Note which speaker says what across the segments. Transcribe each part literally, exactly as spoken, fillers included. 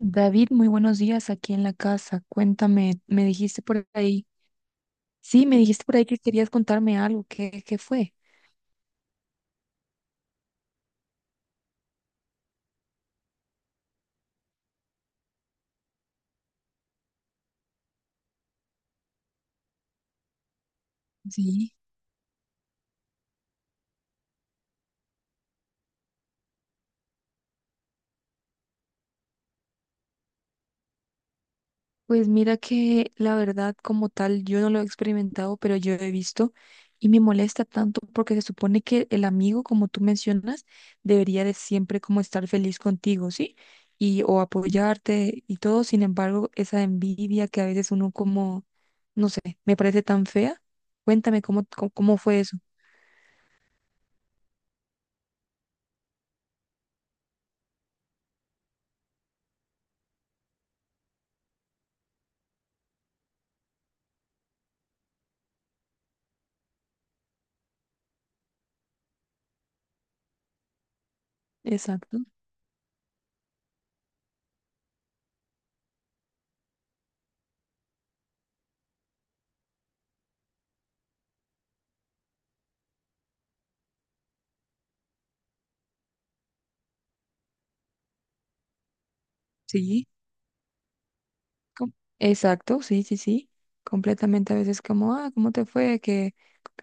Speaker 1: David, muy buenos días aquí en la casa. Cuéntame, me dijiste por ahí. Sí, me dijiste por ahí que querías contarme algo. ¿Qué, qué fue? Sí, pues mira que la verdad como tal yo no lo he experimentado, pero yo he visto y me molesta tanto porque se supone que el amigo, como tú mencionas, debería de siempre como estar feliz contigo, ¿sí? Y o apoyarte y todo. Sin embargo, esa envidia que a veces uno como, no sé, me parece tan fea. Cuéntame cómo, cómo, cómo fue eso. Exacto. Sí, com- exacto, sí, sí, sí. Completamente a veces como, ah, ¿cómo te fue? Que,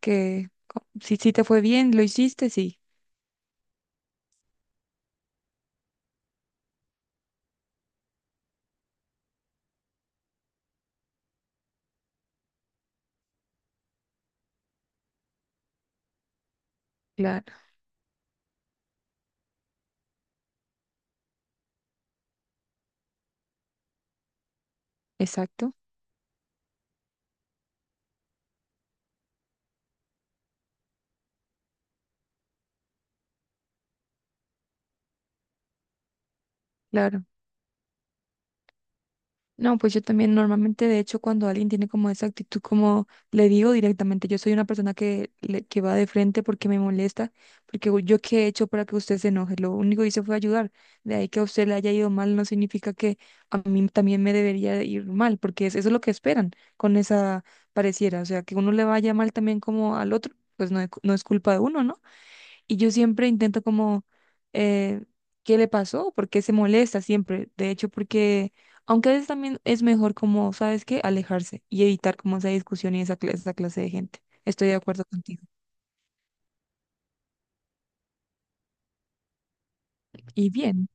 Speaker 1: que, co- si, si te fue bien, lo hiciste, sí. Claro, exacto, claro. No, pues yo también normalmente, de hecho, cuando alguien tiene como esa actitud, como le digo directamente, yo soy una persona que, le- que va de frente porque me molesta, porque u- yo qué he hecho para que usted se enoje. Lo único que hice fue ayudar. De ahí que a usted le haya ido mal no significa que a mí también me debería de ir mal, porque es- eso es lo que esperan con esa pareciera, o sea, que uno le vaya mal también como al otro. Pues no, es cu- no es culpa de uno, ¿no? Y yo siempre intento como, eh, ¿qué le pasó? ¿Por qué se molesta siempre? De hecho, porque, aunque a veces también es mejor como, ¿sabes qué? Alejarse y evitar como esa discusión y esa clase, esa clase de gente. Estoy de acuerdo contigo. Y bien,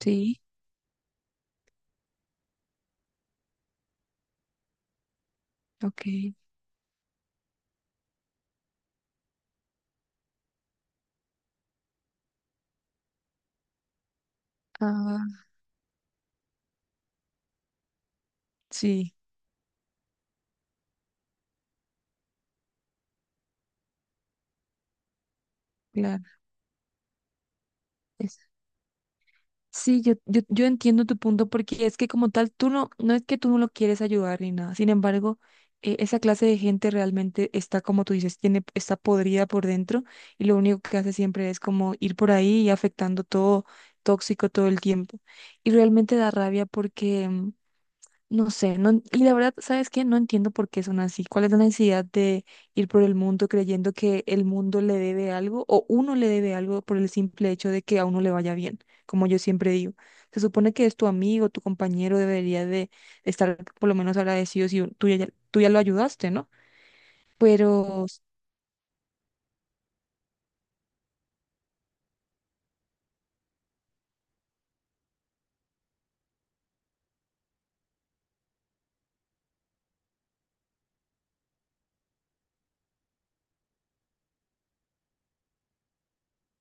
Speaker 1: sí, ok. Ah, sí, claro. Sí, yo, yo, yo entiendo tu punto porque es que como tal, tú no, no es que tú no lo quieres ayudar ni nada. Sin embargo, eh, esa clase de gente realmente está, como tú dices, tiene, está podrida por dentro, y lo único que hace siempre es como ir por ahí y afectando todo, tóxico todo el tiempo. Y realmente da rabia porque... mm, no sé, no, en- y la verdad, ¿sabes qué? No entiendo por qué son así. ¿Cuál es la necesidad de ir por el mundo creyendo que el mundo le debe algo o uno le debe algo por el simple hecho de que a uno le vaya bien? Como yo siempre digo, se supone que es tu amigo, tu compañero, debería de estar por lo menos agradecido si tú ya, tú ya lo ayudaste, ¿no? Pero,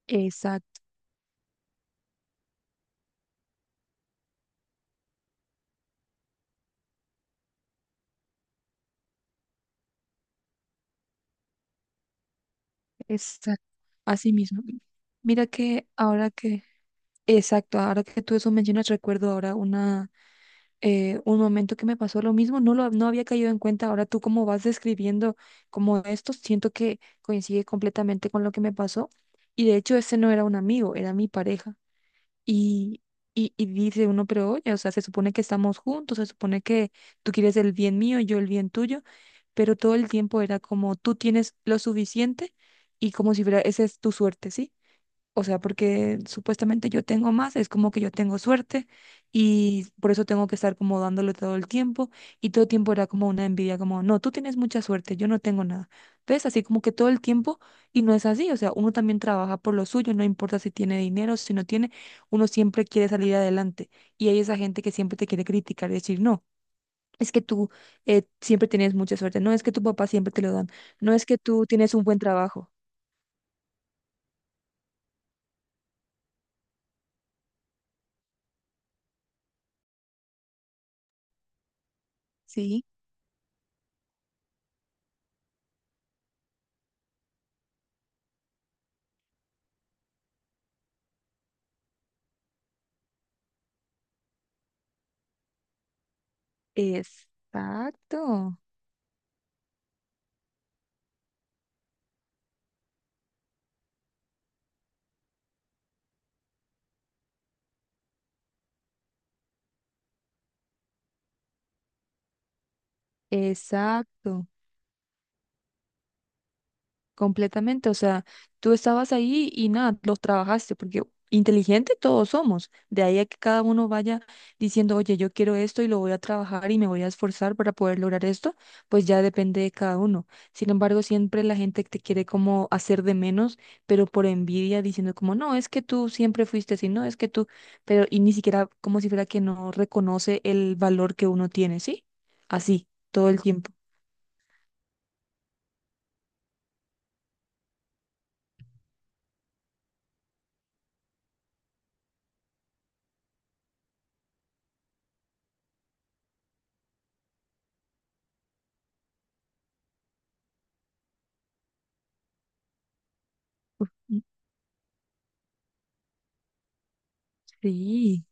Speaker 1: exacto, exacto, así mismo. Mira que ahora que, exacto, ahora que tú eso mencionas, recuerdo ahora una eh, un momento que me pasó lo mismo, no lo no había caído en cuenta. Ahora tú como vas describiendo como esto, siento que coincide completamente con lo que me pasó. Y de hecho ese no era un amigo, era mi pareja. Y, y, y dice uno, pero oye, o sea, se supone que estamos juntos, se supone que tú quieres el bien mío, yo el bien tuyo, pero todo el tiempo era como tú tienes lo suficiente y como si fuera, esa es tu suerte, ¿sí? O sea, porque supuestamente yo tengo más, es como que yo tengo suerte y por eso tengo que estar como dándole todo el tiempo, y todo el tiempo era como una envidia, como, no, tú tienes mucha suerte, yo no tengo nada. ¿Ves? Así como que todo el tiempo, y no es así, o sea, uno también trabaja por lo suyo, no importa si tiene dinero, si no tiene, uno siempre quiere salir adelante, y hay esa gente que siempre te quiere criticar y decir, no. Es que tú eh, siempre tienes mucha suerte, no es que tu papá siempre te lo dan, no es que tú tienes un buen trabajo. Sí, exacto. Exacto, completamente. O sea, tú estabas ahí y nada, los trabajaste, porque inteligente todos somos. De ahí a que cada uno vaya diciendo, oye, yo quiero esto y lo voy a trabajar y me voy a esforzar para poder lograr esto, pues ya depende de cada uno. Sin embargo, siempre la gente te quiere como hacer de menos, pero por envidia, diciendo como, no, es que tú siempre fuiste así, no, es que tú, pero y ni siquiera como si fuera que no reconoce el valor que uno tiene, ¿sí? Así, todo el tiempo. Mm, sí.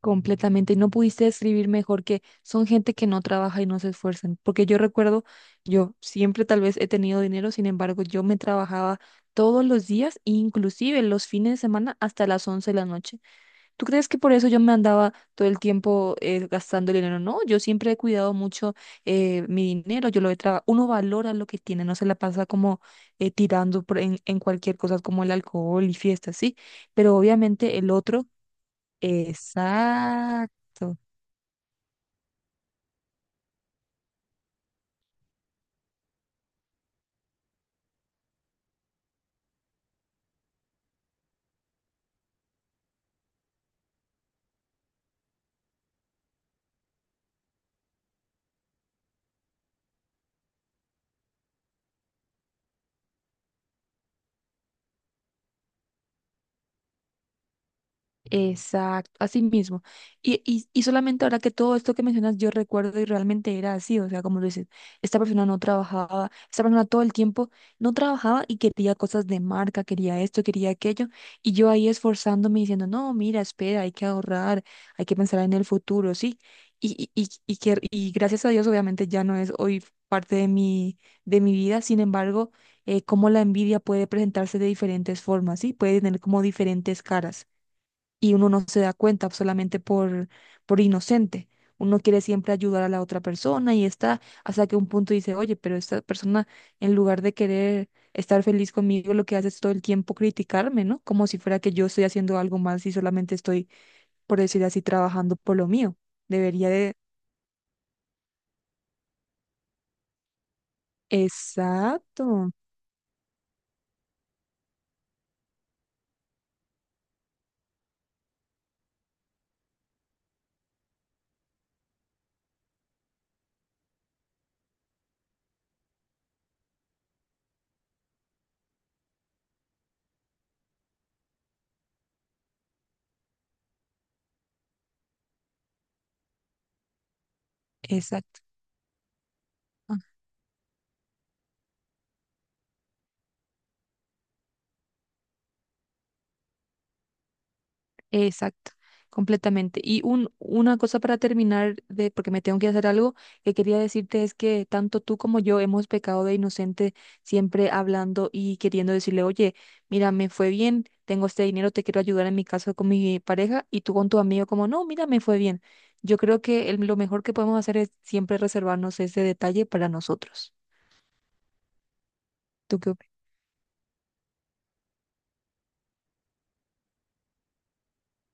Speaker 1: Completamente, y no pudiste describir mejor que son gente que no trabaja y no se esfuerzan, porque yo recuerdo, yo siempre tal vez he tenido dinero, sin embargo, yo me trabajaba todos los días, inclusive los fines de semana hasta las once de la noche. ¿Tú crees que por eso yo me andaba todo el tiempo eh, gastando dinero? No, yo siempre he cuidado mucho, eh, mi dinero, yo lo he trabajado, uno valora lo que tiene, no se la pasa como eh, tirando por en, en cualquier cosa como el alcohol y fiestas, sí, pero obviamente el otro. Exacto. Exacto, así mismo. Y, y, y solamente ahora que todo esto que mencionas yo recuerdo y realmente era así, o sea, como lo dices, esta persona no trabajaba, esta persona todo el tiempo no trabajaba y quería cosas de marca, quería esto, quería aquello, y yo ahí esforzándome diciendo, no, mira, espera, hay que ahorrar, hay que pensar en el futuro, sí. Y, y, y, y que, y gracias a Dios, obviamente ya no es hoy parte de mi, de mi vida, sin embargo, eh, cómo la envidia puede presentarse de diferentes formas, sí, puede tener como diferentes caras, y uno no se da cuenta solamente por, por inocente. Uno quiere siempre ayudar a la otra persona y está hasta que un punto dice, oye, pero esta persona en lugar de querer estar feliz conmigo, lo que hace es todo el tiempo criticarme, ¿no? Como si fuera que yo estoy haciendo algo mal si solamente estoy, por decir así, trabajando por lo mío. Debería de... Exacto, exacto. Exacto, completamente. Y un, una cosa para terminar, de, porque me tengo que hacer algo, que quería decirte es que tanto tú como yo hemos pecado de inocente siempre hablando y queriendo decirle, oye, mira, me fue bien, tengo este dinero, te quiero ayudar, en mi caso con mi pareja y tú con tu amigo como, no, mira, me fue bien. Yo creo que el- lo mejor que podemos hacer es siempre reservarnos ese detalle para nosotros. ¿Tú qué opinas?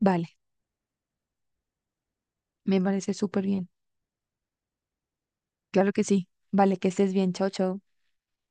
Speaker 1: Vale, me parece súper bien. Claro que sí. Vale, que estés bien. Chao, chao.